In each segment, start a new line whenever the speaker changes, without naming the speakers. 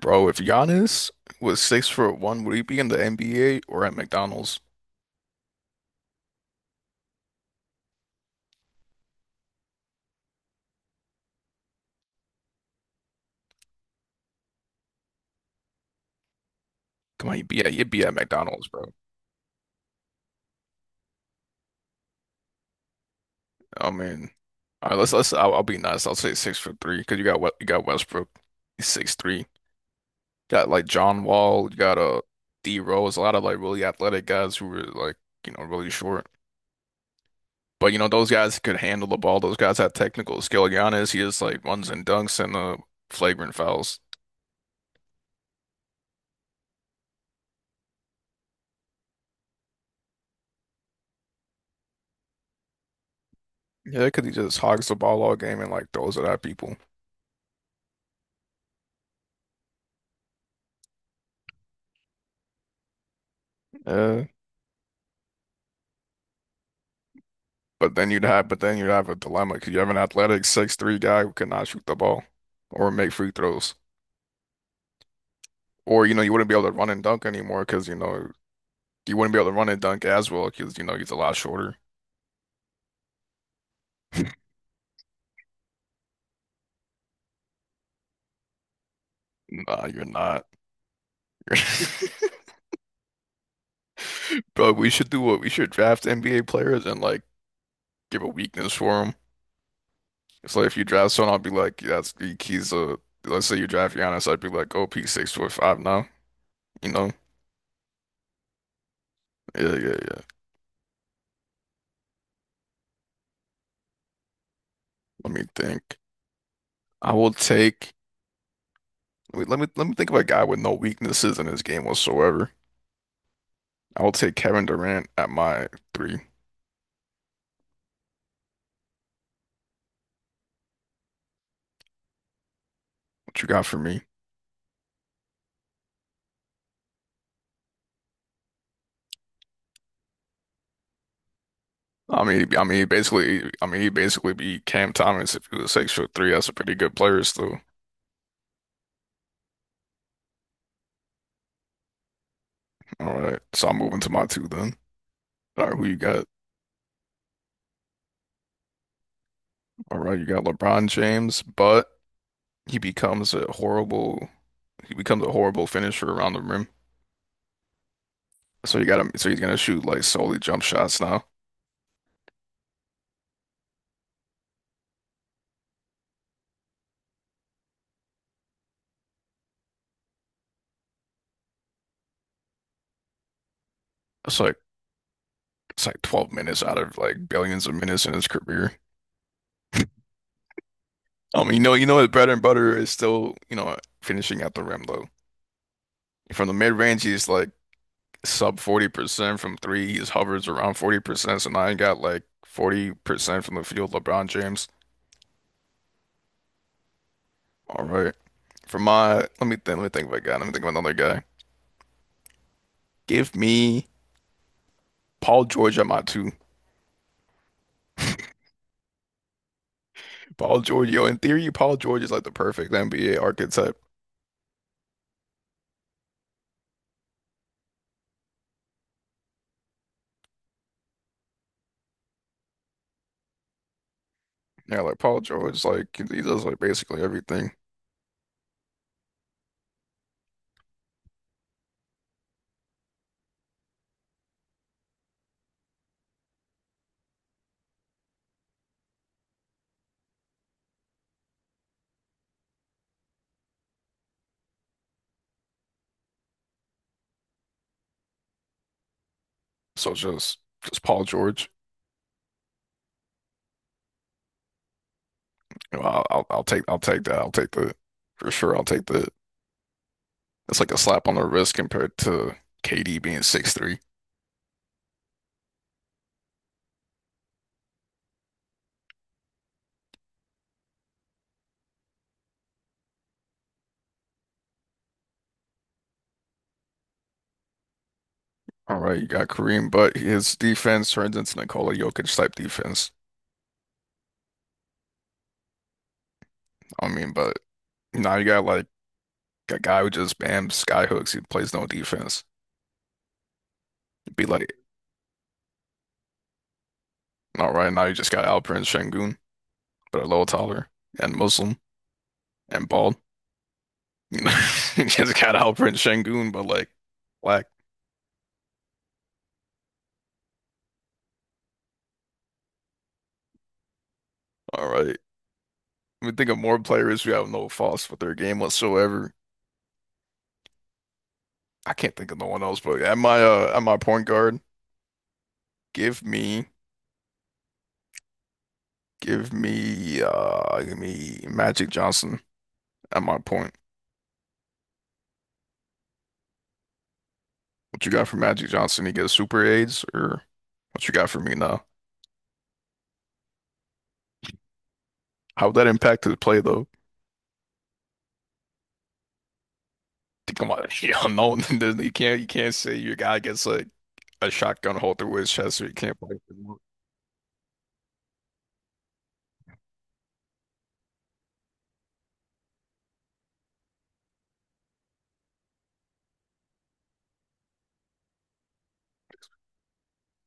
Bro, if Giannis was 6'1", would he be in the NBA or at McDonald's? Come on, he'd be at McDonald's, bro. I mean, all right, let's. I'll be nice. I'll say 6'3" because you got what you got Westbrook, he's 6'3". Got like John Wall, you got D Rose, a lot of like really athletic guys who were like really short. But those guys could handle the ball. Those guys have technical skill. Giannis, he just like runs and dunks and flagrant fouls. Yeah, because he just hogs the ball all game and like throws it at people. Uh, but then you'd have a dilemma because you have an athletic 6'3" guy who cannot shoot the ball or make free throws. Or, you wouldn't be able to run and dunk anymore because, you wouldn't be able to run and dunk as well because, he's a lot shorter. Nah, you're not. Bro, we should do what we should draft NBA players and like give a weakness for them. So if you draft someone, I'll be like, yeah, that's he's a. Let's say you draft Giannis, I'd be like, oh, he's 6'5" now. You know? Yeah, yeah, yeah. Let me think. I will take. Wait, let me think of a guy with no weaknesses in his game whatsoever. I will take Kevin Durant at my three. What you got for me? I mean, basically, I mean, he basically beat Cam Thomas if he was 6'3". That's a pretty good player still. All right, so I'm moving to my two then. All right, who you got? All right, you got LeBron James, but he becomes a horrible, he becomes a horrible finisher around the rim. So you got him. So he's gonna shoot like solely jump shots now. It's like it's like 12 minutes out of like billions of minutes in his career. You know his bread and butter is still, finishing at the rim though. From the mid range, he's like sub 40%. From three, he hovers around 40%. So now he got like 40% from the field, LeBron James. All right. For my, let me think of a guy. Let me think of another guy. Give me Paul George at my two. Paul George, yo, in theory, Paul George is like the perfect NBA archetype. Yeah, like Paul George, like he does like basically everything. So just Paul George. Well, I'll take that. I'll take the for sure. I'll take the. That's like a slap on the wrist compared to KD being 6'3". All right, you got Kareem, but his defense turns into Nikola Jokic type defense. I mean, but now you got like a guy who just bam skyhooks. He plays no defense. You'd be like, all right, now you just got Alperen Şengün, but a little taller and Muslim and bald. You know, you just got Alperen Şengün, but like black. All right. We think of more players who have no faults with their game whatsoever. I can't think of no one else, but at my point guard, give me give me Magic Johnson at my point. What you got for Magic Johnson? He gets super aids or what you got for me now? How would that impact his play though? Think about you know, no, you can't say your guy gets like a shotgun hole through his chest or he can't play,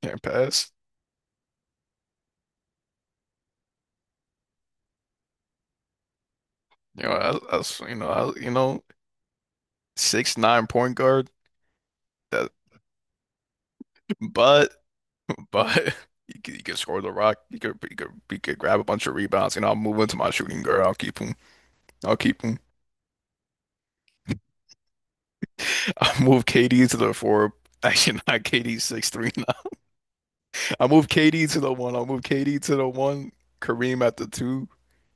can't pass. You know, that's you know, I, you know, 6'9" point guard that, but. but you could score the rock. You could grab a bunch of rebounds, and I'll move into my shooting guard. I'll keep him. I'll keep him. I'll move KD to the four. Actually, not KD six three nine. I move KD to the one. I'll move KD to the one. Kareem at the two.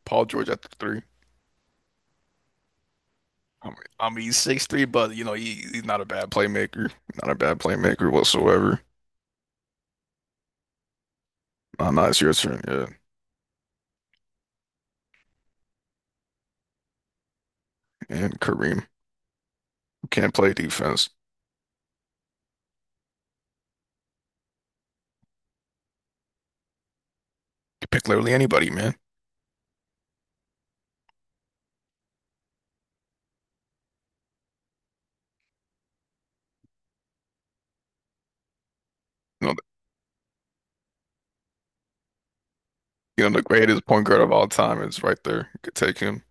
Paul George at the three. I mean he's 6'3", but you know he's not a bad playmaker. Not a bad playmaker whatsoever. Nah, nah, it's your turn. Yeah, and Kareem. You can't play defense. You pick literally anybody, man. No, you know, the greatest point guard of all time is right there. You could take him.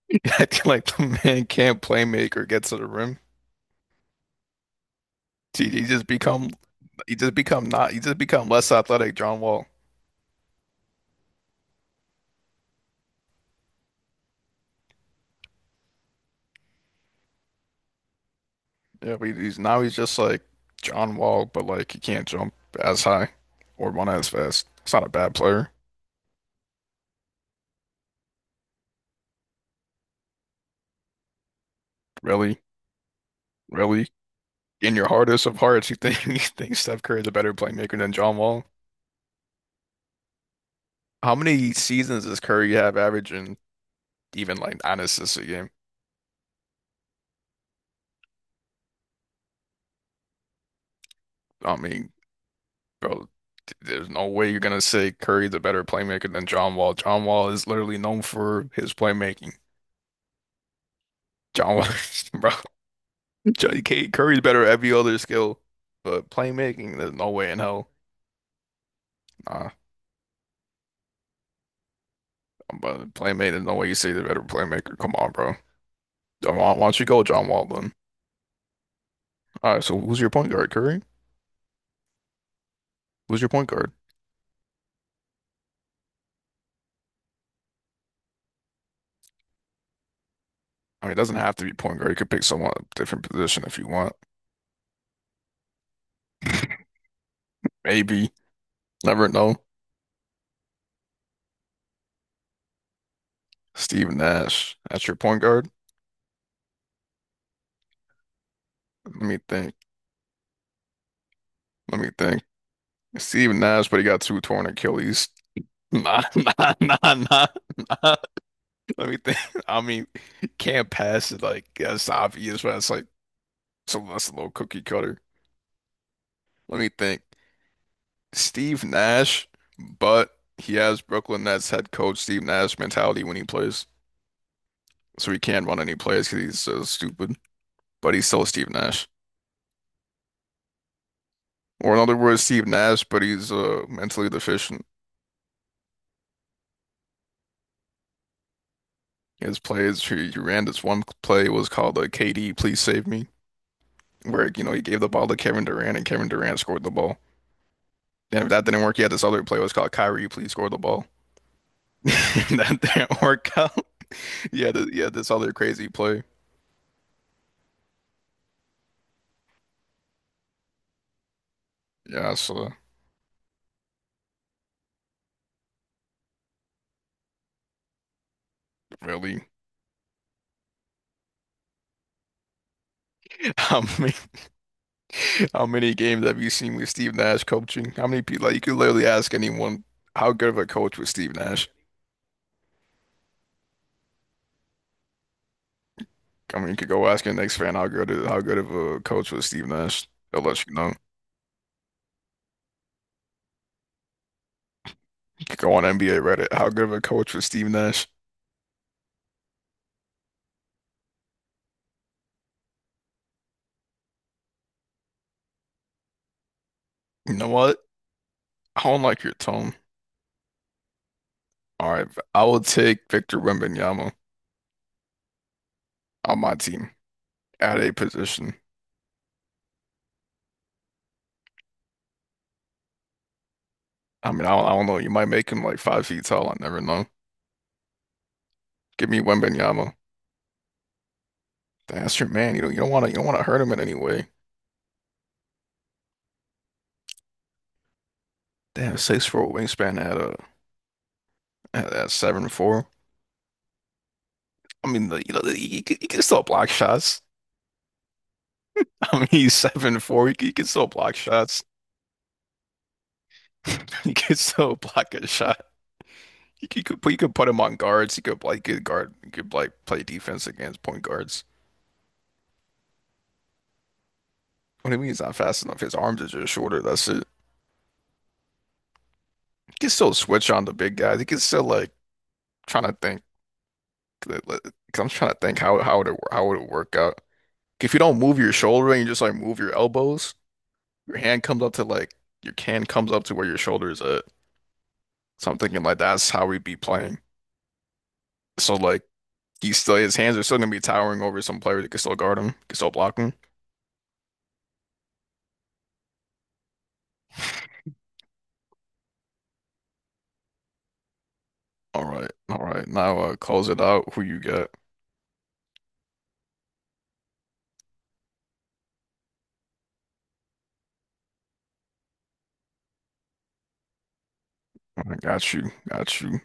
I feel like the man can't play make or get to the rim. He just become he just become not he just become less athletic. John Wall. Yeah, but he's now he's just like John Wall, but like he can't jump as high or run as fast. It's not a bad player, really, really. In your hardest of hearts, you think you think Steph Curry is a better playmaker than John Wall? How many seasons does Curry have averaging even like nine assists a game? I mean, bro, there's no way you're gonna say Curry's a better playmaker than John Wall. John Wall is literally known for his playmaking. John Wall, bro, John Curry's better at every other skill, but playmaking, there's no way in hell. Nah, but playmaking, there's no way you say the better playmaker. Come on, bro. Why don't you go John Wall then? All right, so who's your point guard, Curry? Who's your point guard? I mean, it doesn't have to be point guard. You could pick someone different position if you want. Maybe. Never know. Steve Nash. That's your point guard? Let me think. Let me think. Steve Nash, but he got two torn Achilles. Nah, nah, nah, nah, nah. Let me think. I mean, can't pass it. Like that's obvious, but it's like so that's a little cookie cutter. Let me think. Steve Nash, but he has Brooklyn Nets head coach Steve Nash mentality when he plays, so he can't run any plays because he's so stupid. But he's still Steve Nash, or in other words, Steve Nash, but he's mentally deficient. His plays, he ran this one play was called the KD, please save me, where you know he gave the ball to Kevin Durant and Kevin Durant scored the ball. And if that didn't work, he had this other play. It was called Kyrie, please score the ball. That didn't work out. He had this other crazy play. Yeah, so really, how many how many games have you seen with Steve Nash coaching? How many people? Like you could literally ask anyone how good of a coach was Steve Nash. I mean, you could go ask your Knicks fan how good of a coach was Steve Nash. They'll let you know. You could go on NBA Reddit. How good of a coach was Steve Nash? You know what? I don't like your tone. All right, I will take Victor Wembanyama on my team at a position. I mean, I don't know. You might make him like 5 feet tall. I never know. Give me Wembanyama. That's your man. You don't want to hurt him in any way. They have 6'4" wingspan at 7'4". I mean, the, you know, the, he can still block shots. I mean, he's 7'4". He can still block shots. He can still block a shot. You could put him on guards. He could like good guard. He could like play defense against point guards. What do you mean he's not fast enough? His arms are just shorter. That's it. He can still switch on the big guys. He can still like trying to think. Cause I'm trying to think how would it work out? If you don't move your shoulder and you just like move your elbows, your hand comes up to like your can comes up to where your shoulder is at. So I'm thinking like that's how we'd be playing. So like he's still his hands are still gonna be towering over some player that can still guard him, can still block him. All right, all right. Now close it out. Who you got? I got you, got you.